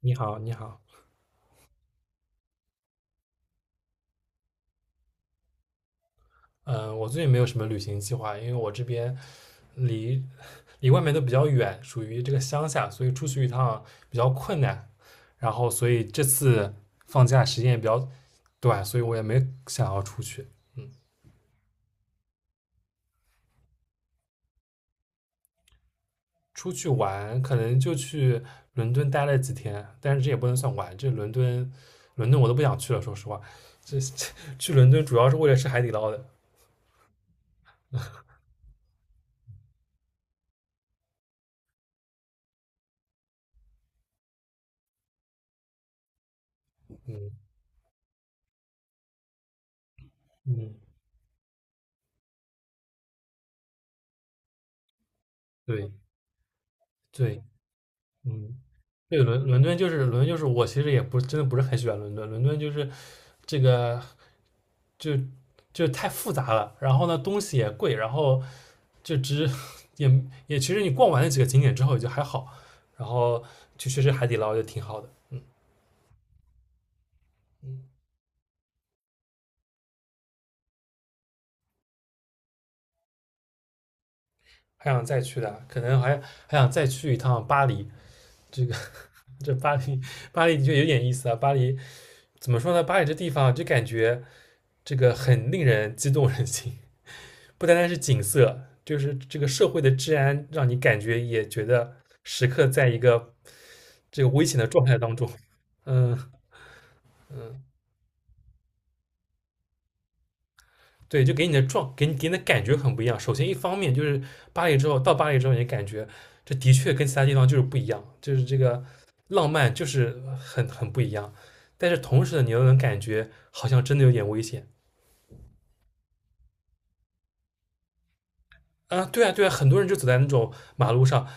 你好，你好，嗯，我最近没有什么旅行计划，因为我这边离离外面都比较远，属于这个乡下，所以出去一趟比较困难。然后，所以这次放假时间也比较短，所以我也没想要出去。出去玩可能就去伦敦待了几天，但是这也不能算玩，这伦敦，伦敦我都不想去了，说实话。这 去伦敦主要是为了吃海底捞的。嗯嗯，对对，嗯。对，伦敦就是我其实也不真的不是很喜欢伦敦，伦敦就是这个就就太复杂了，然后呢东西也贵，然后就只 也也其实你逛完了几个景点之后也就还好，然后就确实海底捞就挺好的，还想再去的，可能还想再去一趟巴黎。这个这巴黎巴黎的确有点意思啊，巴黎怎么说呢？巴黎这地方就感觉这个很令人激动人心，不单单是景色，就是这个社会的治安，让你感觉也觉得时刻在一个这个危险的状态当中。嗯，对，就给你的感觉很不一样。首先，一方面就是巴黎之后，到巴黎之后，你感觉这的确跟其他地方就是不一样，就是这个浪漫就是很不一样。但是同时呢，你又能感觉好像真的有点危险。啊，对啊，对啊，很多人就走在那种马路上。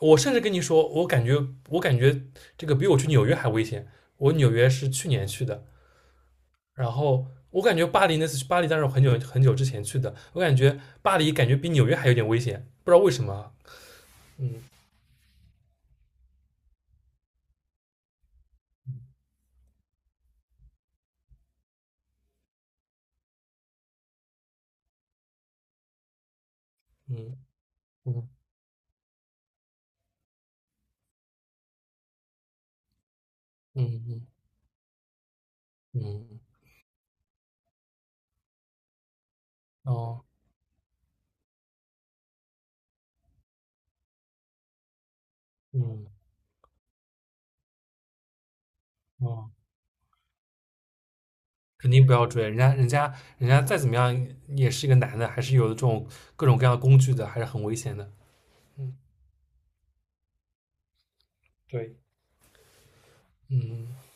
我甚至跟你说，我感觉这个比我去纽约还危险。我纽约是去年去的，然后我感觉巴黎那次去巴黎，当时我很久很久之前去的，我感觉巴黎感觉比纽约还有点危险，不知道为什么啊。嗯嗯嗯嗯嗯嗯，哦嗯哦，肯定不要追人家，人家再怎么样也是一个男的，还是有这种各种各样的工具的，还是很危险的。嗯，对，嗯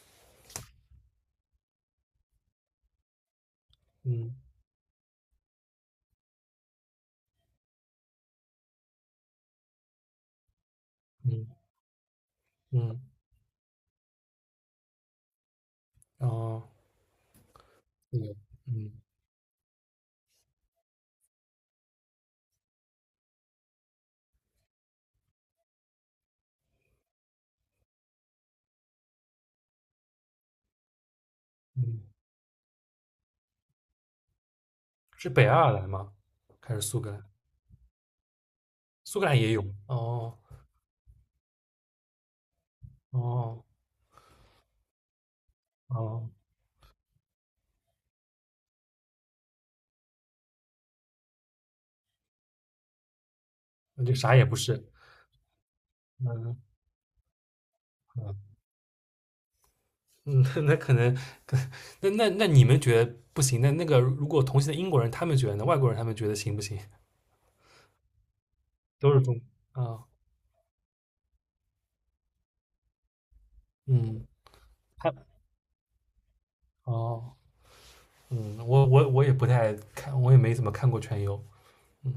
嗯嗯。嗯，哦，有，嗯嗯，是北爱尔兰吗？还是苏格兰？苏格兰也有。哦哦哦，那就啥也不是。嗯嗯，那那可能，可那那那你们觉得不行？那个如果同行的英国人他们觉得呢？外国人他们觉得行不行？都是中啊，哦嗯，他哦，嗯，我也不太看，我也没怎么看过全游。嗯，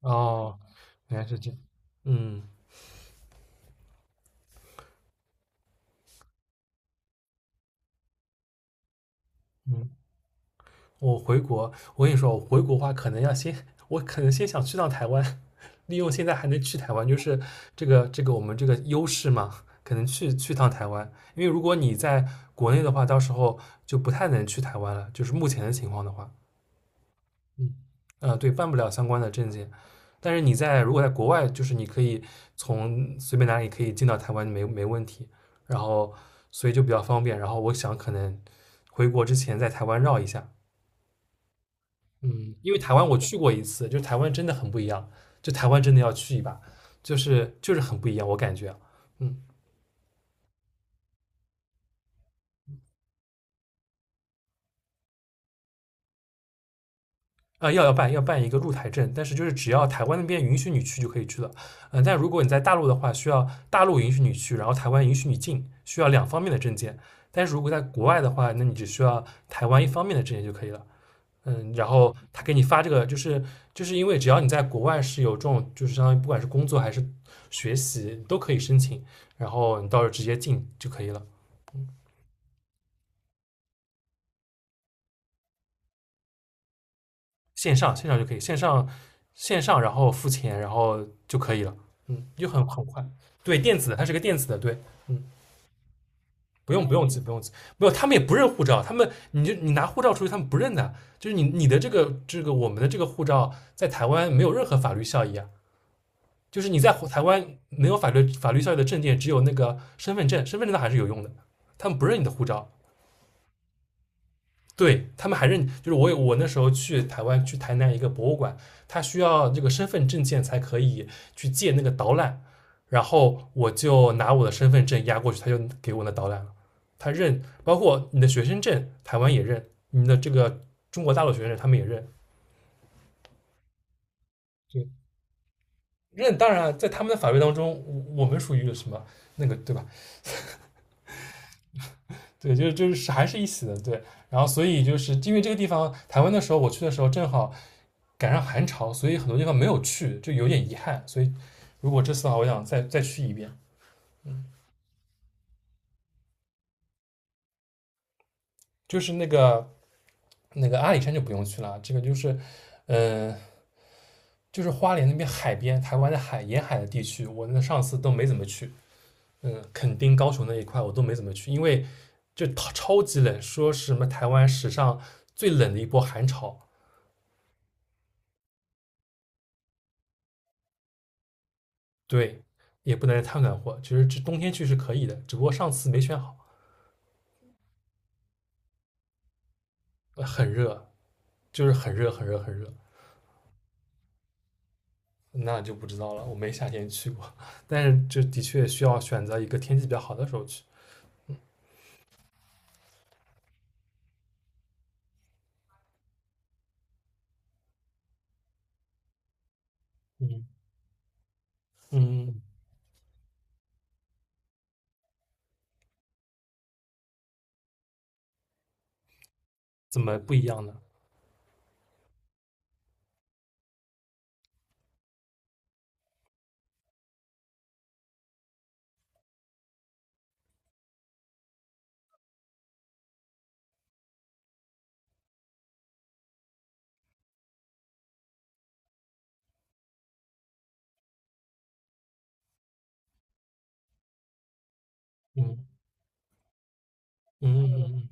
哦，原来是这样。嗯嗯。我回国，我跟你说，我回国的话，可能要先，我可能先想去趟台湾，利用现在还能去台湾，就是这个我们这个优势嘛，可能去趟台湾，因为如果你在国内的话，到时候就不太能去台湾了，就是目前的情况的话，嗯，对，办不了相关的证件，但是如果在国外，就是你可以从随便哪里可以进到台湾，没问题，然后所以就比较方便，然后我想可能回国之前在台湾绕一下，嗯，因为台湾我去过一次，就是台湾真的很不一样，就台湾真的要去一把，就是很不一样，我感觉，嗯，啊、要办一个入台证，但是就是只要台湾那边允许你去就可以去了，嗯、但如果你在大陆的话，需要大陆允许你去，然后台湾允许你进，需要两方面的证件，但是如果在国外的话，那你只需要台湾一方面的证件就可以了，嗯，然后他给你发这个，就是因为只要你在国外是有这种，就是相当于不管是工作还是学习都可以申请，然后你到时候直接进就可以了，线上线上就可以，线上线上然后付钱然后就可以了，嗯，就很快。对，电子的，它是个电子的，对，嗯，不用急，没有，他们也不认护照，他们你就你拿护照出去，他们不认的，就是你的这个我们的这个护照在台湾没有任何法律效益啊，就是你在台湾没有法律效力的证件，只有那个身份证，身份证它还是有用的，他们不认你的护照，对他们还认，就是我那时候去台湾去台南一个博物馆，他需要这个身份证件才可以去借那个导览，然后我就拿我的身份证压过去，他就给我那导览了，他认，包括你的学生证，台湾也认，你的这个中国大陆学生证他们也认，对，认当然在他们的法律当中，我们属于什么那个对吧？对，就是还是一起的，对。然后所以就是因为这个地方，台湾的时候我去的时候正好赶上寒潮，所以很多地方没有去，就有点遗憾。所以如果这次的话，我想再去一遍。就是那个阿里山就不用去了，这个嗯、呃就是花莲那边海边，台湾的海沿海的地区，我那上次都没怎么去。嗯，垦丁、高雄那一块我都没怎么去，因为就超级冷，说是什么台湾史上最冷的一波寒潮。对，也不能太赶暖和。其实这冬天去是可以的，只不过上次没选好，很热，就是很热，很热，很热。那就不知道了，我没夏天去过，但是这的确需要选择一个天气比较好的时候去。嗯嗯，怎么不一样呢？嗯嗯嗯嗯。嗯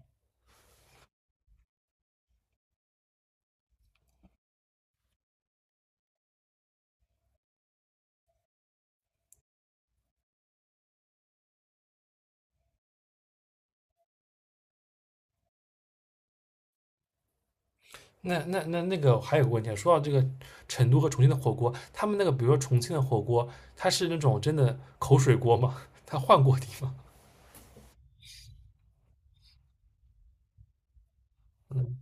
那那那那个还有个问题啊，说到这个成都和重庆的火锅，他们那个比如说重庆的火锅，它是那种真的口水锅吗？它换锅底吗？嗯，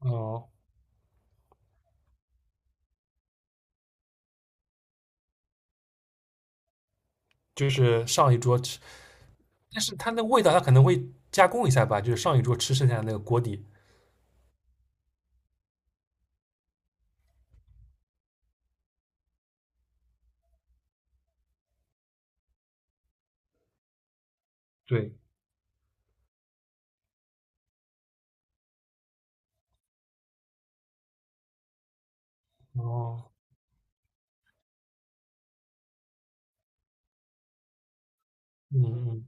哦，就是上一桌吃。但是它那味道它可能会加工一下吧，就是上一桌吃剩下的那个锅底。对，哦，嗯嗯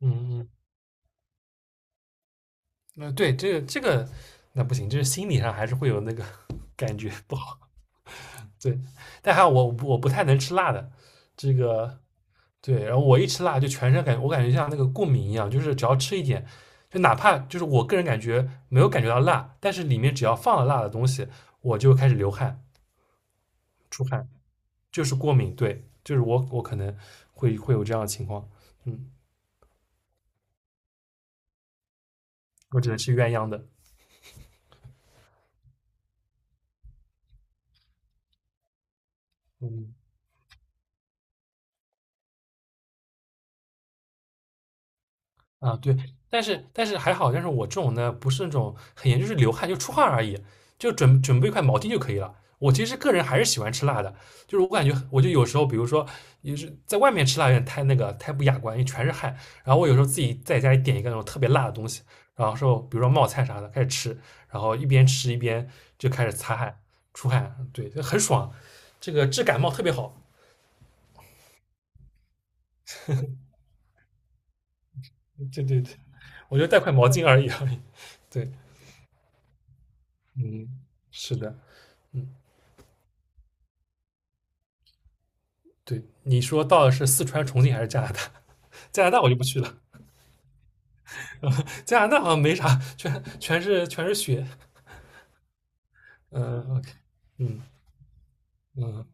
嗯嗯，那对，这个那不行，就是心理上还是会有那个 感觉不好。对，但还有我不太能吃辣的，这个对，然后我一吃辣就全身感觉我感觉像那个过敏一样，就是只要吃一点，就哪怕就是我个人感觉没有感觉到辣，但是里面只要放了辣的东西，我就开始流汗出汗。就是过敏，对，就是我可能会有这样的情况，嗯，我只能吃鸳鸯的，嗯，啊，对，但是还好，但是我这种呢，不是那种很严重，就是流汗就出汗而已，就准备一块毛巾就可以了。我其实个人还是喜欢吃辣的，就是我感觉我就有时候，比如说也是在外面吃辣有点太太不雅观，因为全是汗。然后我有时候自己在家里点一个那种特别辣的东西，然后说比如说冒菜啥的开始吃，然后一边吃一边就开始擦汗出汗，对，就很爽，这个治感冒特别好。对对对，我就带块毛巾而已。对，嗯，是的。嗯。对，你说到的是四川、重庆还是加拿大？加拿大我就不去了，加拿大好像没啥，全是雪。嗯，OK，嗯嗯，